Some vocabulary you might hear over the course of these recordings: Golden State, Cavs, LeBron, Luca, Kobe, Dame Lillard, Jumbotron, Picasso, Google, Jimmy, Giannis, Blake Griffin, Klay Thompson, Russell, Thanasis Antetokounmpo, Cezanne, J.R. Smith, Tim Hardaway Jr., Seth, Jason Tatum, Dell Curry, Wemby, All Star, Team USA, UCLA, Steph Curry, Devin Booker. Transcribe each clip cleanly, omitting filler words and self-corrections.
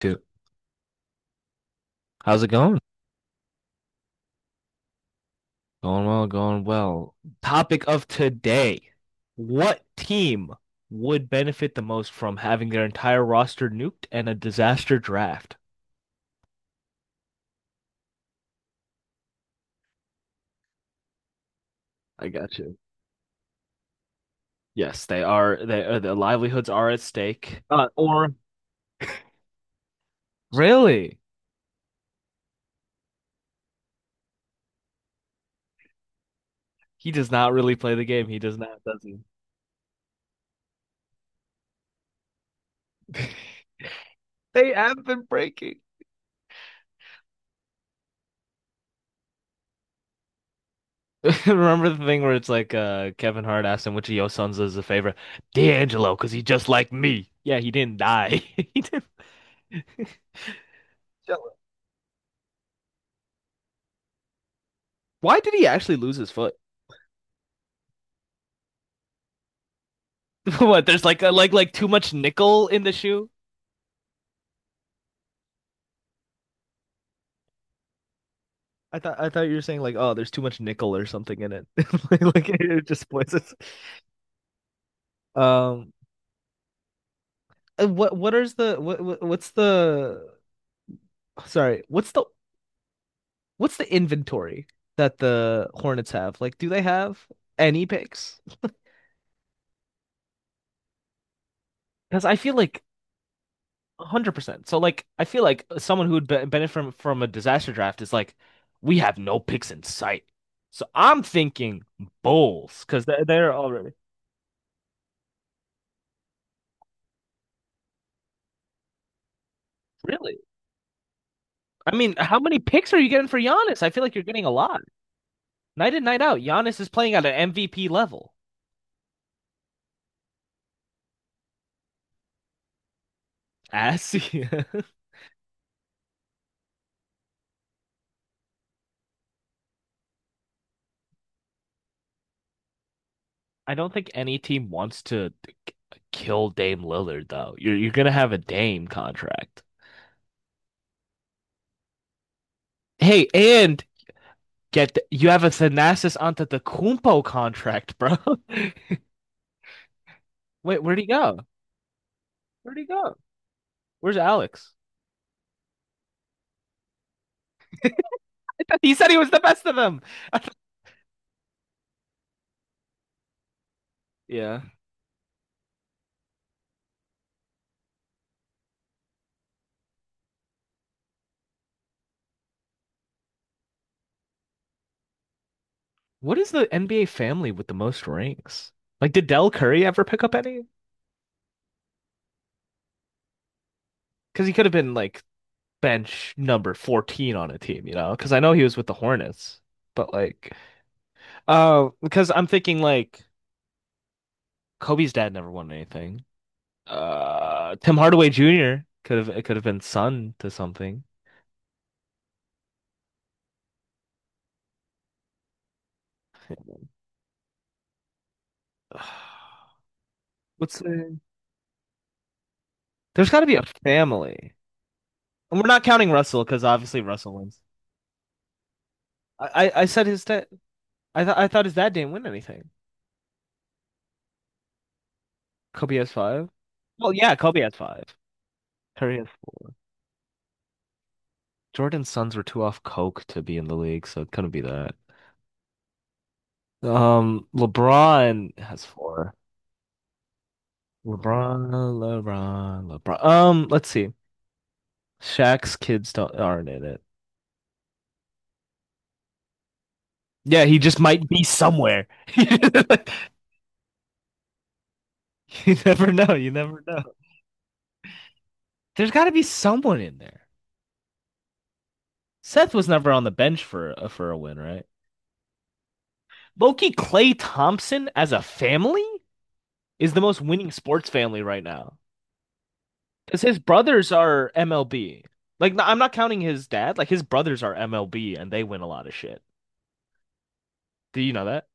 Two. How's it going? Going well, going well. Topic of today. What team would benefit the most from having their entire roster nuked and a disaster draft? I got you. Yes, they are. They are, their livelihoods are at stake. Or Really? He does not really play the game. He does not, does he? They have been breaking. Remember the thing where it's like Kevin Hart asked him which of your sons is a favorite? D'Angelo, because he just like me. Yeah, he didn't die. He didn't Why did he actually lose his foot? What, there's like a, like like too much nickel in the shoe? I thought you were saying like, oh, there's too much nickel or something in it. Like, it just poisons. Um, uh, what what is the what- what's the sorry, what's the what's the inventory that the Hornets have? Like, do they have any picks? Because I feel like 100%. So like I feel like someone who would be benefit from a disaster draft is like we have no picks in sight. So I'm thinking Bulls because they're already really. I mean, how many picks are you getting for Giannis? I feel like you're getting a lot. Night in, night out, Giannis is playing at an MVP level. As I don't think any team wants to k- kill Dame Lillard though. You're gonna have a Dame contract. Hey, you have a Thanasis Antetokounmpo contract, bro. Wait, where'd he go? Where'd he go? Where's Alex? He said he was the best of them. Yeah. What is the NBA family with the most rings? Like, did Dell Curry ever pick up any? Because he could have been like bench number 14 on a team, you know? Because I know he was with the Hornets, but like, because I'm thinking like Kobe's dad never won anything. Tim Hardaway Jr. could have been son to something. What's the... There's got to be a family. And we're not counting Russell because obviously Russell wins. I said his dad. I thought his dad didn't win anything. Kobe has five. Well, yeah, Kobe has five. Curry has four. Jordan's sons were too off coke to be in the league, so it couldn't be that. LeBron has four. LeBron, LeBron, LeBron. Let's see. Shaq's kids don't aren't in it. Yeah, he just might be somewhere. You never know. You never know. There's got to be someone in there. Seth was never on the bench for a win, right? Loki Clay Thompson as a family is the most winning sports family right now because his brothers are MLB. Like, I'm not counting his dad. Like, his brothers are MLB and they win a lot of shit. Do you know that?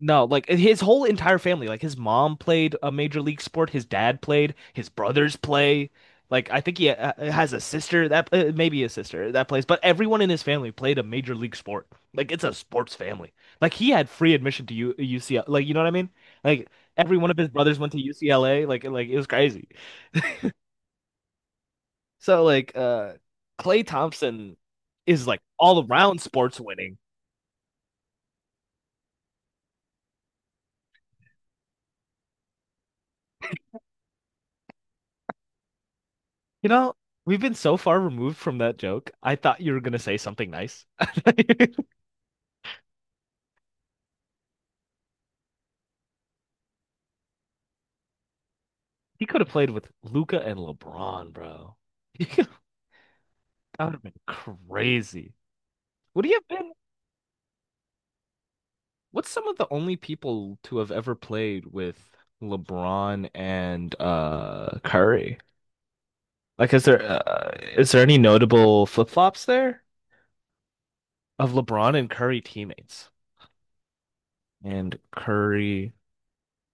No, like his whole entire family, like his mom played a major league sport, his dad played, his brothers play. Like I think he has a sister that maybe a sister that plays, but everyone in his family played a major league sport. Like it's a sports family. Like he had free admission to U UCLA. Like you know what I mean? Like every one of his brothers went to UCLA. Like it was crazy. So like Klay Thompson is like all around sports winning. You know, we've been so far removed from that joke. I thought you were gonna say something nice. He could have played with Luca and LeBron, bro. That would have been crazy. Would he have been? What's some of the only people to have ever played with LeBron and Curry? Like, is there any notable flip-flops there of LeBron and Curry teammates? And Curry.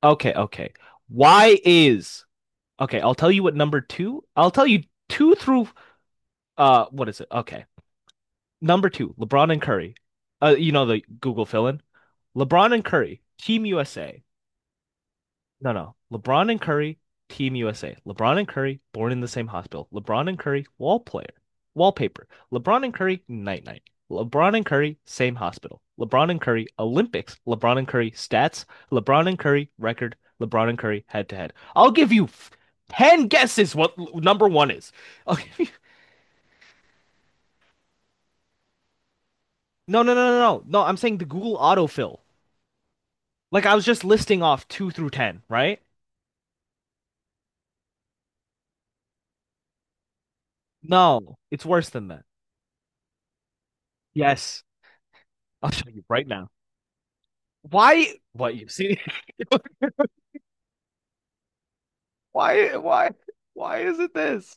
Okay, okay. Why is Okay, I'll tell you what number two. I'll tell you two through what is it? Okay. Number two, LeBron and Curry. You know the Google fill in. LeBron and Curry, Team USA. No, no. LeBron and Curry, Team USA. LeBron and Curry, born in the same hospital. LeBron and Curry, wallpaper. LeBron and Curry, night night. LeBron and Curry, same hospital. LeBron and Curry, Olympics. LeBron and Curry, stats. LeBron and Curry, record. LeBron and Curry, head to head. I'll give you 10 guesses what number one is. I'll give you... No, no, no, no, no. No, I'm saying the Google autofill. Like I was just listing off two through 10, right? No, it's worse than that. Yes. I'll show you right now. Why? What you see? why why why is it this?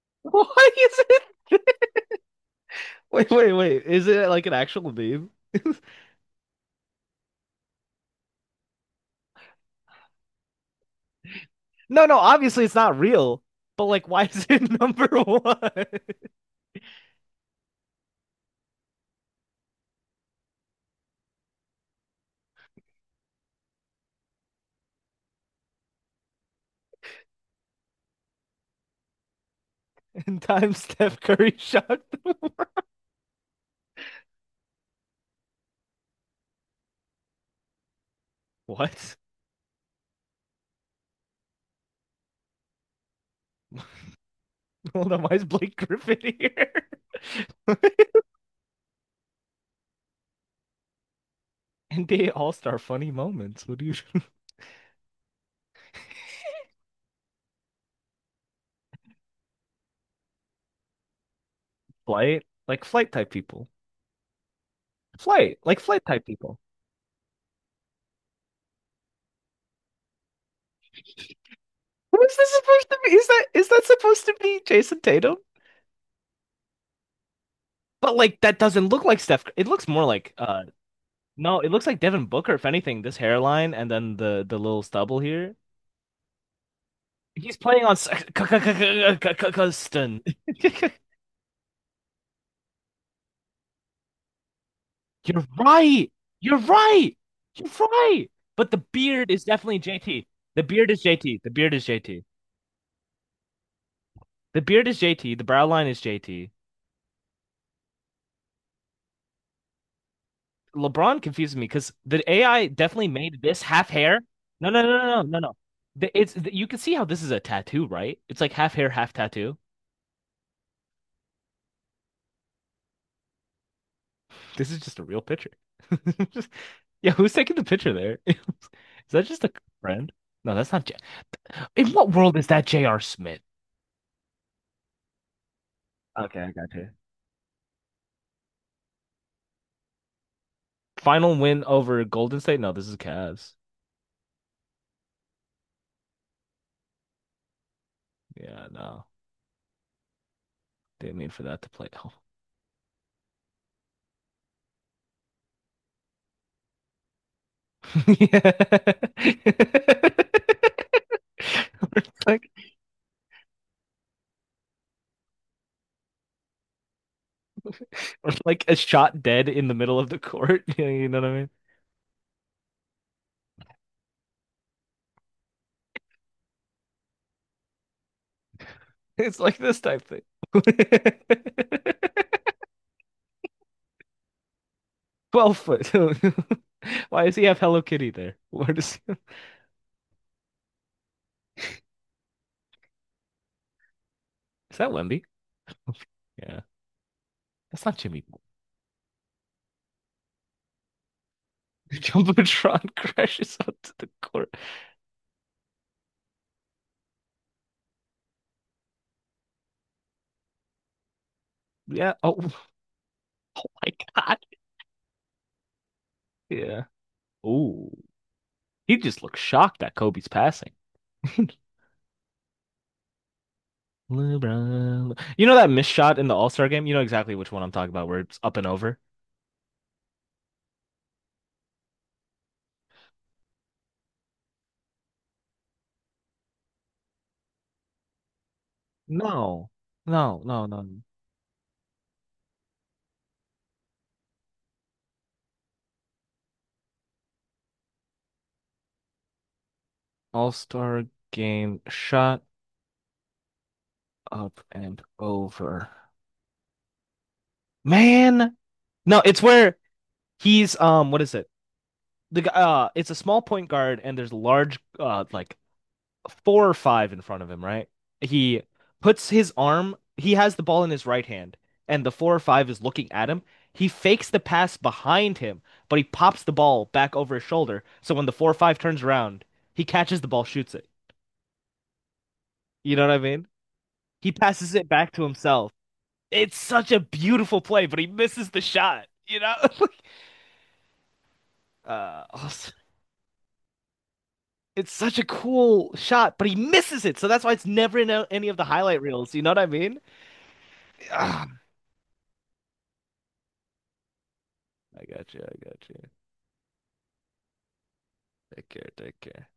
why is it Wait, wait, wait, is it like an actual meme? No, no, obviously it's not real, but like, why is it number one? In time, Steph Curry shot. What? Hold on, why is Blake Griffin here? NBA all-star funny moments. What do you Flight, like flight type people. Flight, like flight type people. Who is this supposed to be? Is that, is that supposed to be Jason Tatum? But like that doesn't look like Steph. It looks more like no, it looks like Devin Booker if anything. This hairline and then the little stubble here. He's playing on Custon. You're right. You're right. You're right. But the beard is definitely JT. The beard is JT. The beard is JT. The beard is JT. The brow line is JT. LeBron confuses me because the AI definitely made this half hair. No, no, no, no, no, no. No. The- It's You can see how this is a tattoo, right? It's like half hair, half tattoo. This is just a real picture. Just- yeah, who's taking the picture there? Is that just a friend? No, that's not J. In what world is that J.R. Smith? Okay, I got you. Final win over Golden State? No, this is Cavs. Yeah, no. Didn't mean for that to play. Oh. Yeah. We're like, we're like a shot dead in the middle of the court. You know what I mean? It's like this type thing. 12 foot. Why does he have Hello Kitty there? Is that Wemby? Yeah. That's not Jimmy. The Jumbotron crashes onto the court. Yeah. Oh my God. Yeah. Oh, he just looks shocked at Kobe's passing. LeBron. You know that missed shot in the All Star game? You know exactly which one I'm talking about, where it's up and over. No, no, no, no. All Star game shot up and over. Man, no, it's where He's what is it? The guy, it's a small point guard, and there's large, like four or five in front of him, right? He puts his arm, he has the ball in his right hand, and the four or five is looking at him. He fakes the pass behind him, but he pops the ball back over his shoulder. So when the four or five turns around, he catches the ball, shoots it. You know what I mean? He passes it back to himself. It's such a beautiful play, but he misses the shot, you know? Awesome. It's such a cool shot, but he misses it. So that's why it's never in any of the highlight reels. You know what I mean? Ah, I got you. I got you. Take care. Take care.